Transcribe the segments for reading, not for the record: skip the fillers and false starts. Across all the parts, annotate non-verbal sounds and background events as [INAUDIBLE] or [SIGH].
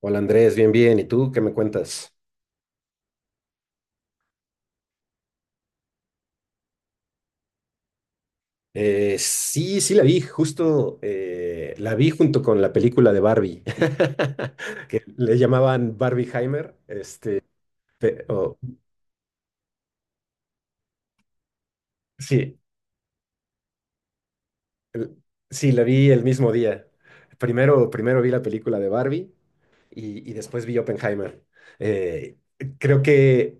Hola Andrés, bien, bien. ¿Y tú qué me cuentas? Sí, sí la vi, justo la vi junto con la película de Barbie, [LAUGHS] que le llamaban Barbieheimer. Este, pe- o- sí, el- sí, la vi el mismo día. Primero vi la película de Barbie y, después vi Oppenheimer. Eh, creo que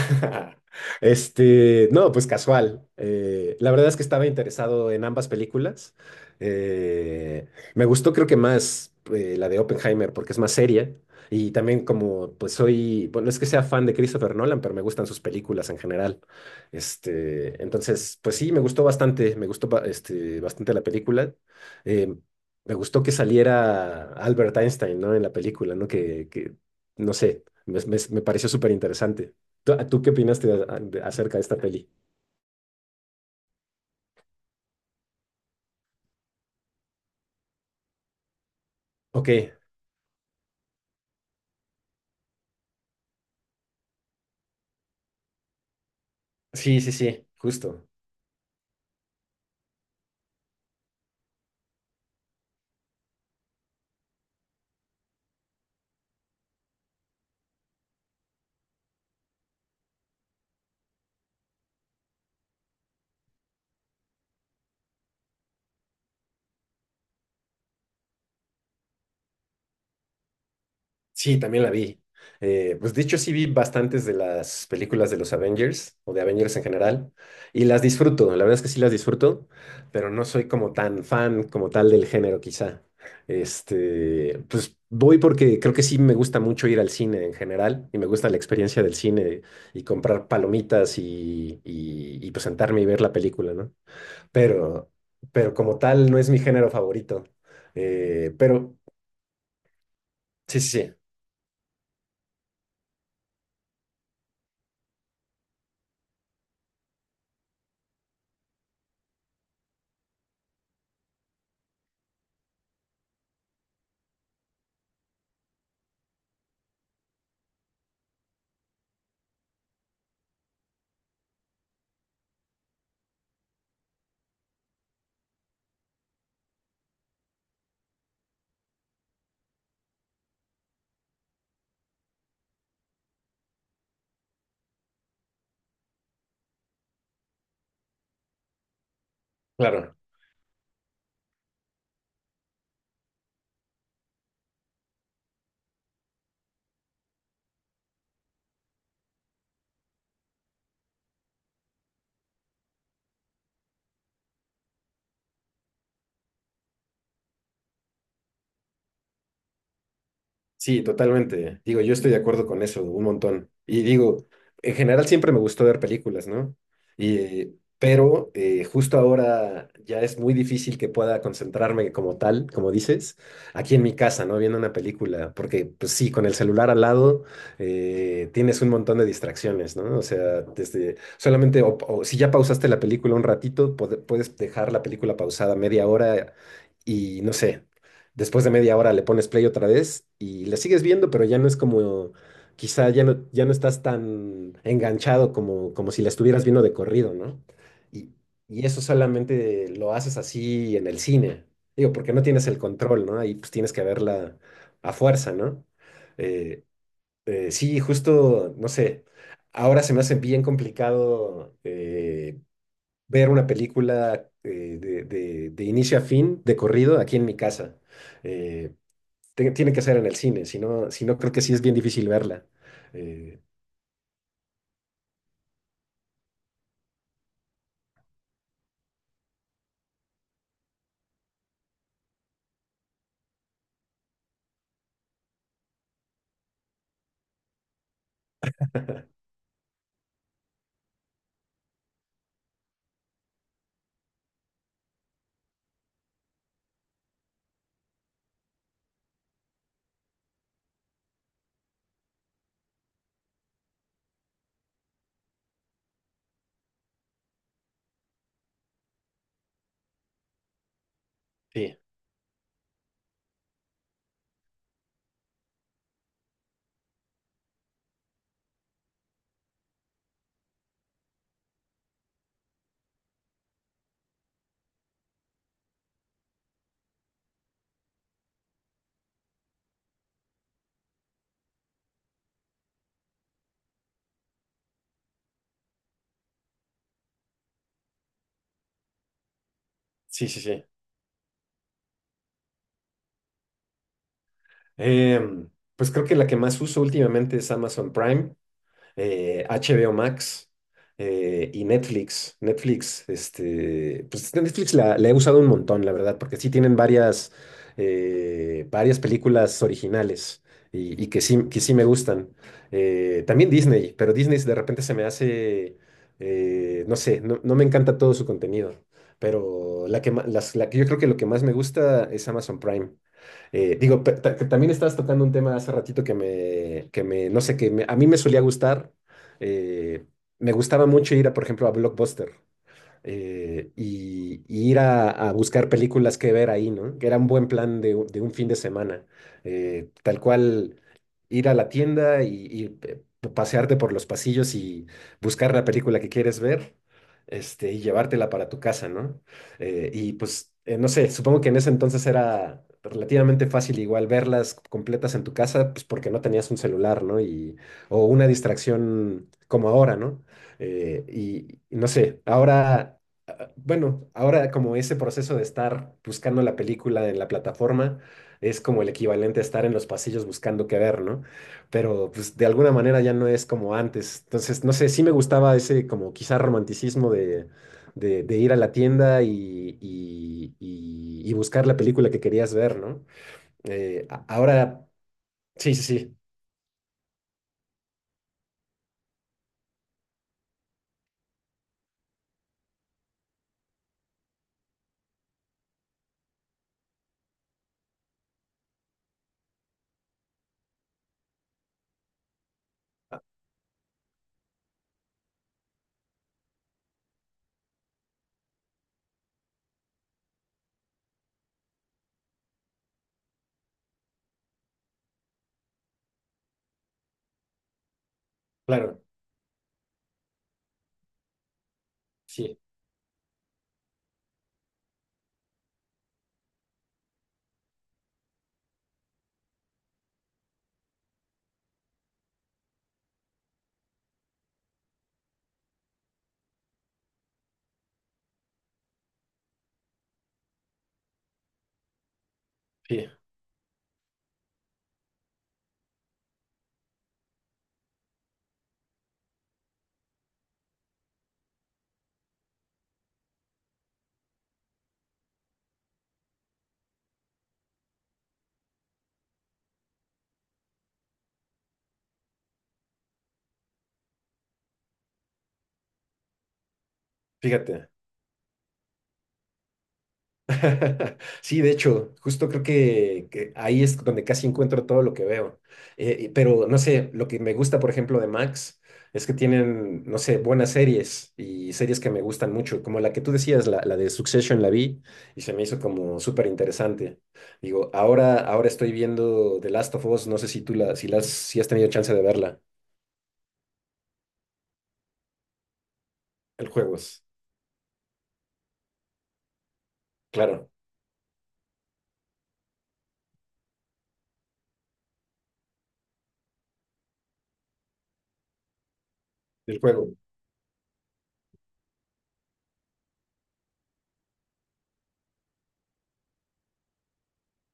[LAUGHS] Este, no, pues casual. La verdad es que estaba interesado en ambas películas. Eh, Me gustó creo que más la de Oppenheimer porque es más seria y también como pues soy, bueno, no es que sea fan de Christopher Nolan, pero me gustan sus películas en general. Este, entonces, pues sí, me gustó bastante, este, bastante la película. Eh, Me gustó que saliera Albert Einstein, ¿no? En la película, ¿no? Que, no sé, me pareció súper interesante. Tú qué opinaste acerca de esta peli? Ok, sí, sí, sí, justo. Sí, también la vi. Pues dicho, sí vi bastantes de las películas de los Avengers o de Avengers en general y las disfruto, la verdad es que sí las disfruto, pero no soy como tan fan como tal del género quizá. Este, pues voy porque creo que sí me gusta mucho ir al cine en general y me gusta la experiencia del cine y comprar palomitas y pues sentarme y ver la película, ¿no? Pero pero como tal no es mi género favorito. Eh, pero sí, sí, sí, claro. Sí, totalmente. Digo, yo estoy de acuerdo con eso, un montón. Y digo, en general siempre me gustó ver películas, ¿no? Y, justo ahora ya es muy difícil que pueda concentrarme como tal, como dices, aquí en mi casa, ¿no? Viendo una película, porque pues sí, con el celular al lado tienes un montón de distracciones, ¿no? O sea, desde solamente, o si ya pausaste la película un ratito, puedes dejar la película pausada media hora y no sé. Después de media hora le pones play otra vez y le sigues viendo, pero ya no es como, quizá ya no, ya no estás tan enganchado como, como si la estuvieras viendo de corrido, ¿no? Y, y eso solamente lo haces así en el cine, digo, porque no tienes el control, ¿no? Ahí pues tienes que verla a fuerza, ¿no? Eh, sí, justo, no sé, ahora se me hace bien complicado ver una película de inicio a fin, de corrido, aquí en mi casa. Eh, Tiene que ser en el cine, si no, si no creo que sí es bien difícil verla. Eh, sí, sí, sí, sí. Em, pues creo que la que más uso últimamente es Amazon Prime, HBO Max y Netflix. Netflix, este, pues Netflix la he usado un montón, la verdad, porque sí tienen varias, varias películas originales y que sí me gustan. También Disney, pero Disney de repente se me hace, no sé, no me encanta todo su contenido. Pero la que, la que yo creo que lo que más me gusta es Amazon Prime. Digo, que también estabas tocando un tema hace ratito que me, no sé, a mí me solía gustar. Eh, me gustaba mucho ir a, por ejemplo, a Blockbuster y ir a buscar películas que ver ahí, ¿no? Que era un buen plan de, de un fin de semana. Tal cual, ir a la tienda pasearte por los pasillos y buscar la película que quieres ver, este, y llevártela para tu casa, ¿no? No sé, supongo que en ese entonces era relativamente fácil igual verlas completas en tu casa, pues porque no tenías un celular, ¿no? Y, o una distracción como ahora, ¿no? No sé, ahora... Bueno, ahora como ese proceso de estar buscando la película en la plataforma, es como el equivalente a estar en los pasillos buscando qué ver, ¿no? Pero pues de alguna manera ya no es como antes. Entonces, no sé, sí me gustaba ese como quizá romanticismo de, de ir a la tienda y buscar la película que querías ver, ¿no? Ahora, sí, sí, sí, claro, sí, sí, fíjate. [LAUGHS] Sí, de hecho, justo creo que ahí es donde casi encuentro todo lo que veo. Pero no sé, lo que me gusta, por ejemplo, de Max es que tienen, no sé, buenas series y series que me gustan mucho, como la que tú decías, la de Succession la vi y se me hizo como súper interesante. Digo, ahora, ahora estoy viendo The Last of Us, no sé si tú la, si la, has- si has tenido chance de verla, el juego es, claro, el juego.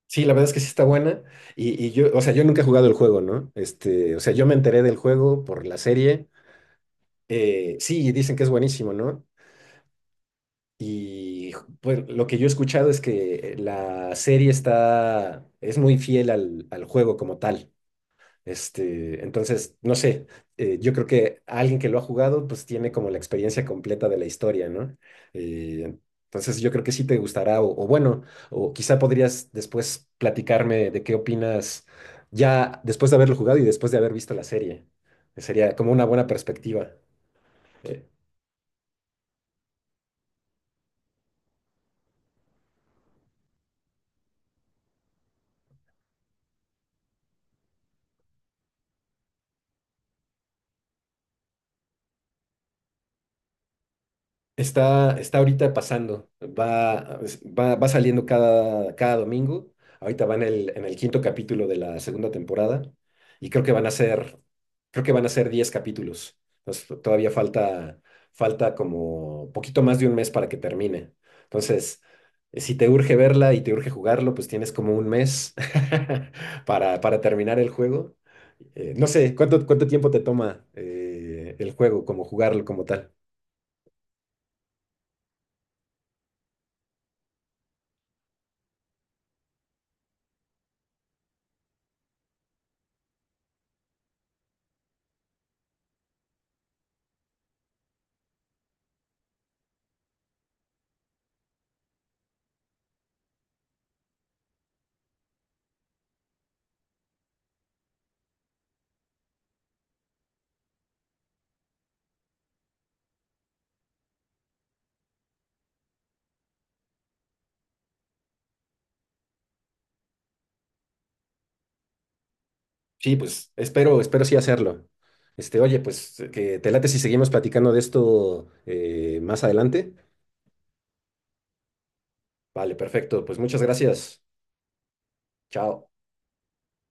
Sí, la verdad es que sí está buena. Y yo, o sea, yo nunca he jugado el juego, ¿no? Este, o sea, yo me enteré del juego por la serie. Sí, dicen que es buenísimo, ¿no? Y pues lo que yo he escuchado es que la serie está, es muy fiel al, al juego como tal. Este, entonces, no sé, yo creo que alguien que lo ha jugado, pues tiene como la experiencia completa de la historia, ¿no? Eh, entonces, yo creo que sí te gustará, o bueno, o quizá podrías después platicarme de qué opinas ya después de haberlo jugado y después de haber visto la serie. Sería como una buena perspectiva. eh, Está, está ahorita pasando, va, va, va saliendo cada, cada domingo. Ahorita van en el 5.º capítulo de la segunda temporada y creo que van a ser, creo que van a ser 10 capítulos. Entonces, todavía falta, falta como poquito más de un mes para que termine. Entonces, si te urge verla y te urge jugarlo, pues tienes como un mes [LAUGHS] para terminar el juego. No sé, ¿cuánto, cuánto tiempo te toma el juego, como jugarlo como tal? Sí, pues espero, espero sí hacerlo. Este, oye, pues que te late si seguimos platicando de esto más adelante. Vale, perfecto. Pues muchas gracias. Chao.